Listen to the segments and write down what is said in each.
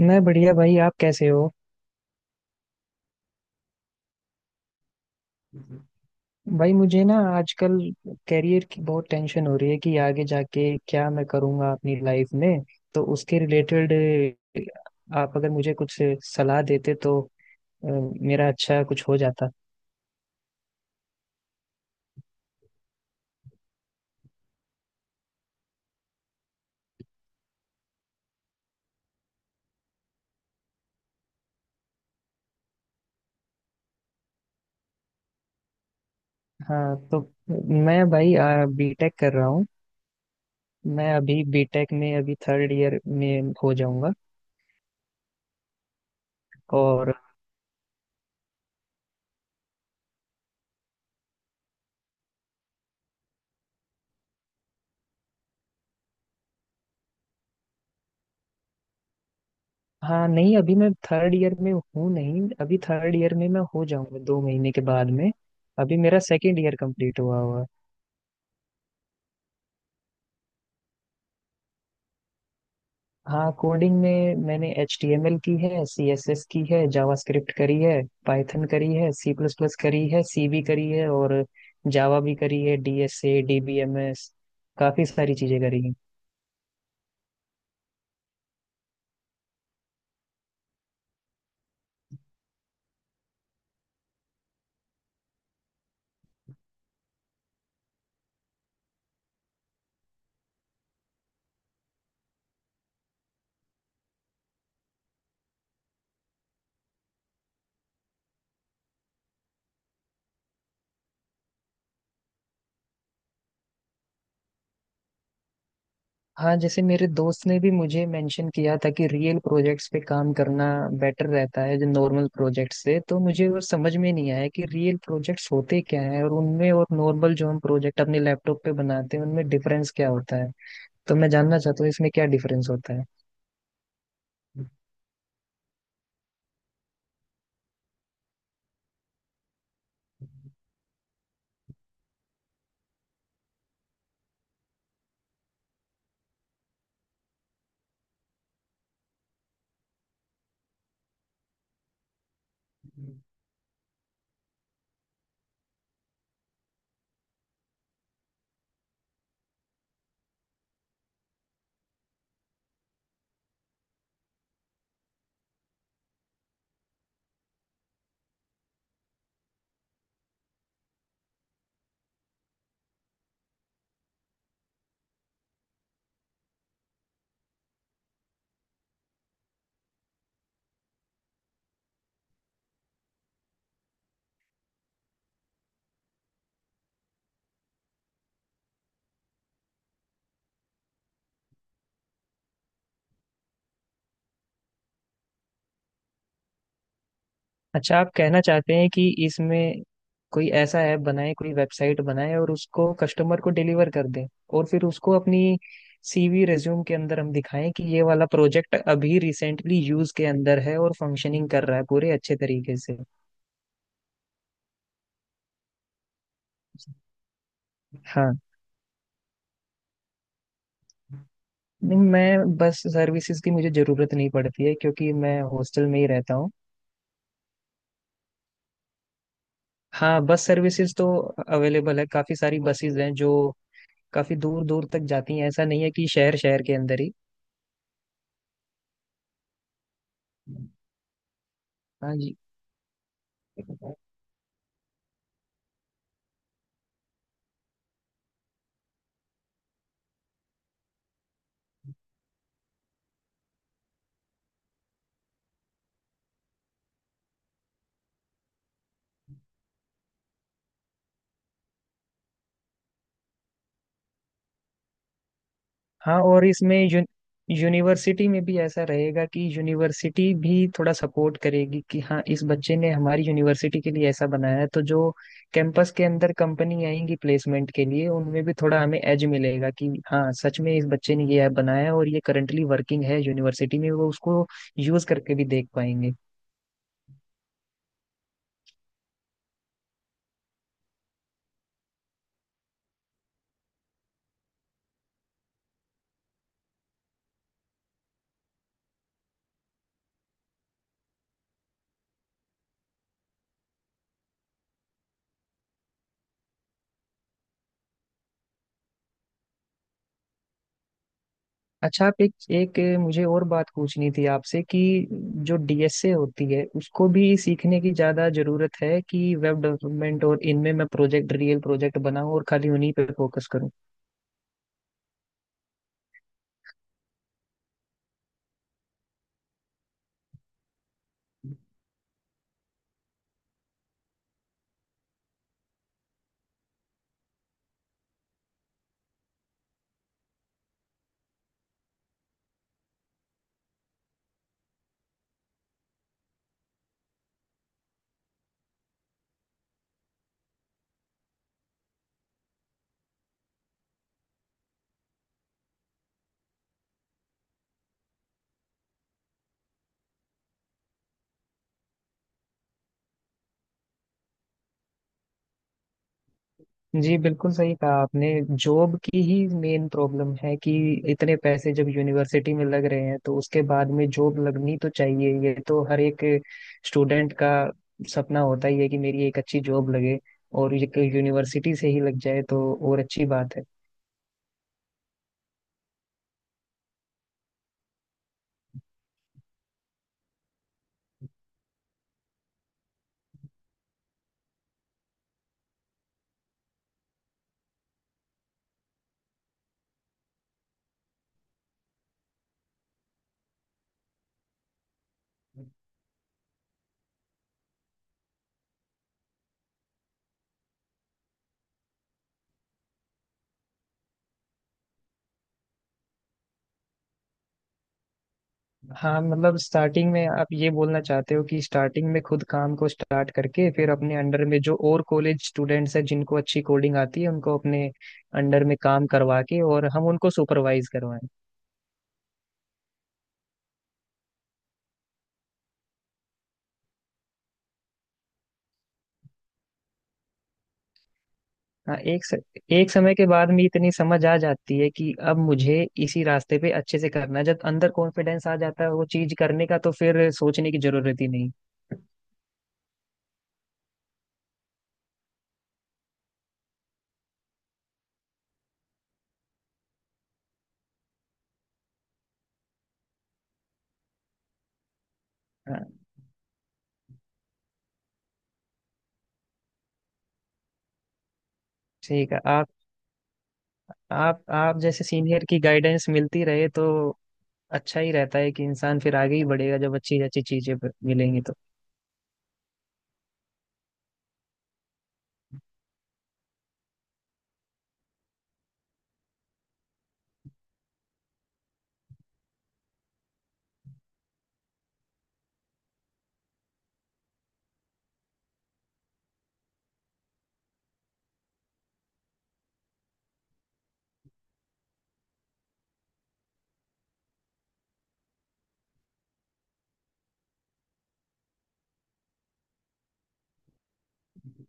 मैं बढ़िया भाई। आप कैसे हो? भाई, मुझे ना आजकल करियर की बहुत टेंशन हो रही है कि आगे जाके क्या मैं करूँगा अपनी लाइफ में। तो उसके रिलेटेड आप अगर मुझे कुछ सलाह देते तो अ, मेरा अच्छा कुछ हो जाता। हाँ, तो मैं भाई बीटेक कर रहा हूँ। मैं अभी बीटेक में अभी थर्ड ईयर में हो जाऊंगा। और हाँ, नहीं अभी मैं थर्ड ईयर में हूँ, नहीं अभी थर्ड ईयर में मैं हो जाऊंगा 2 महीने के बाद में। अभी मेरा सेकेंड ईयर कंप्लीट हुआ हुआ है। हाँ, कोडिंग में मैंने HTML की है, CSS की है, जावास्क्रिप्ट करी है, पाइथन करी है, सी प्लस प्लस करी है, सी भी करी है, और जावा भी करी है, DSA, DBMS, काफी सारी चीजें करी। हाँ, जैसे मेरे दोस्त ने भी मुझे मेंशन किया था कि रियल प्रोजेक्ट्स पे काम करना बेटर रहता है जो नॉर्मल प्रोजेक्ट्स से, तो मुझे वो समझ में नहीं आया कि रियल प्रोजेक्ट्स होते क्या हैं और उनमें और नॉर्मल जो हम प्रोजेक्ट अपने लैपटॉप पे बनाते हैं उनमें डिफरेंस क्या होता है। तो मैं जानना चाहता हूँ इसमें क्या डिफरेंस होता है। अच्छा, आप कहना चाहते हैं कि इसमें कोई ऐसा ऐप बनाए, कोई वेबसाइट बनाए और उसको कस्टमर को डिलीवर कर दें, और फिर उसको अपनी CV रिज्यूम के अंदर हम दिखाएं कि ये वाला प्रोजेक्ट अभी रिसेंटली यूज के अंदर है और फंक्शनिंग कर रहा है पूरे अच्छे तरीके से। हाँ, नहीं मैं बस सर्विसेज की मुझे ज़रूरत नहीं पड़ती है क्योंकि मैं हॉस्टल में ही रहता हूँ। हाँ, बस सर्विसेज तो अवेलेबल है, काफ़ी सारी बसेज हैं जो काफ़ी दूर दूर तक जाती हैं, ऐसा नहीं है कि शहर शहर के अंदर ही। हाँ, हाँ, और इसमें यूनिवर्सिटी में भी ऐसा रहेगा कि यूनिवर्सिटी भी थोड़ा सपोर्ट करेगी कि हाँ, इस बच्चे ने हमारी यूनिवर्सिटी के लिए ऐसा बनाया है, तो जो कैंपस के अंदर कंपनी आएंगी प्लेसमेंट के लिए, उनमें भी थोड़ा हमें एज मिलेगा कि हाँ, सच में इस बच्चे ने ये ऐप बनाया है और ये करंटली वर्किंग है यूनिवर्सिटी में, वो उसको यूज करके भी देख पाएंगे। अच्छा, आप एक एक मुझे और बात पूछनी थी आपसे कि जो DSA होती है उसको भी सीखने की ज्यादा जरूरत है कि वेब डेवलपमेंट, और इनमें मैं प्रोजेक्ट रियल प्रोजेक्ट बनाऊं और खाली उन्हीं पे फोकस करूं। जी, बिल्कुल सही कहा आपने, जॉब की ही मेन प्रॉब्लम है कि इतने पैसे जब यूनिवर्सिटी में लग रहे हैं तो उसके बाद में जॉब लगनी तो चाहिए, ये तो हर एक स्टूडेंट का सपना होता ही है कि मेरी एक अच्छी जॉब लगे, और यूनिवर्सिटी से ही लग जाए तो और अच्छी बात है। हाँ, मतलब स्टार्टिंग में आप ये बोलना चाहते हो कि स्टार्टिंग में खुद काम को स्टार्ट करके फिर अपने अंडर में जो और कॉलेज स्टूडेंट्स हैं जिनको अच्छी कोडिंग आती है उनको अपने अंडर में काम करवा के और हम उनको सुपरवाइज करवाएं। हाँ, एक समय के बाद में इतनी समझ आ जाती है कि अब मुझे इसी रास्ते पे अच्छे से करना है, जब अंदर कॉन्फिडेंस आ जाता है वो चीज करने का, तो फिर सोचने की जरूरत ही नहीं। हाँ, ठीक है। आप आप जैसे सीनियर की गाइडेंस मिलती रहे तो अच्छा ही रहता है कि इंसान फिर आगे ही बढ़ेगा जब अच्छी अच्छी चीजें मिलेंगी तो।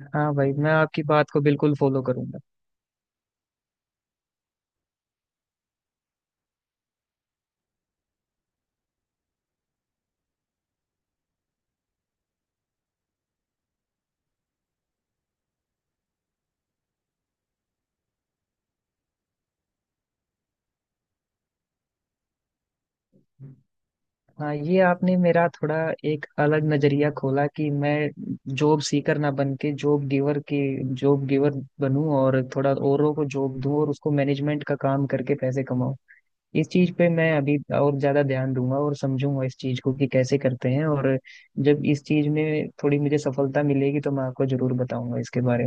हाँ भाई, मैं आपकी बात को बिल्कुल फॉलो करूंगा। हाँ, ये आपने मेरा थोड़ा एक अलग नजरिया खोला कि मैं जॉब सीकर ना बन के जॉब गिवर की, जॉब गिवर बनूं और थोड़ा औरों को जॉब दूं और उसको मैनेजमेंट का काम करके पैसे कमाऊं। इस चीज पे मैं अभी और ज्यादा ध्यान दूंगा और समझूंगा इस चीज को कि कैसे करते हैं, और जब इस चीज में थोड़ी मुझे सफलता मिलेगी तो मैं आपको जरूर बताऊंगा इसके बारे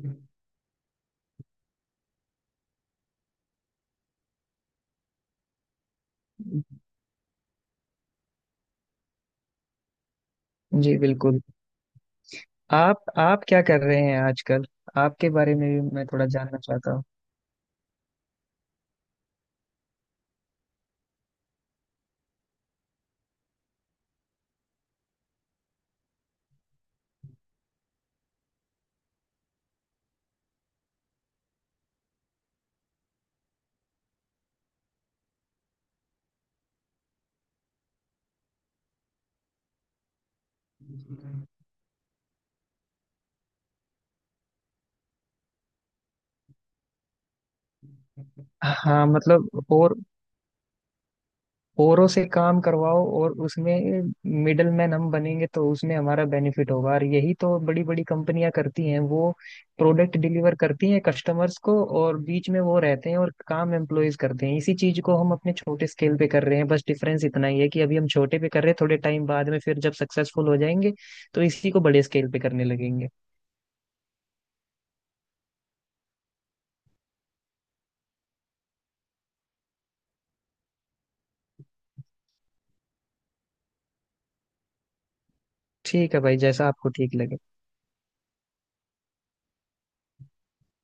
में। जी, बिल्कुल। आप क्या कर रहे हैं आजकल? आपके बारे में भी मैं थोड़ा जानना चाहता हूँ। हाँ, मतलब, और औरों से काम करवाओ और उसमें मिडल मैन हम बनेंगे तो उसमें हमारा बेनिफिट होगा, और यही तो बड़ी बड़ी कंपनियां करती हैं, वो प्रोडक्ट डिलीवर करती हैं कस्टमर्स को और बीच में वो रहते हैं और काम एम्प्लॉयज करते हैं। इसी चीज को हम अपने छोटे स्केल पे कर रहे हैं, बस डिफरेंस इतना ही है कि अभी हम छोटे पे कर रहे हैं, थोड़े टाइम बाद में फिर जब सक्सेसफुल हो जाएंगे तो इसी को बड़े स्केल पे करने लगेंगे। ठीक है भाई, जैसा आपको ठीक लगे।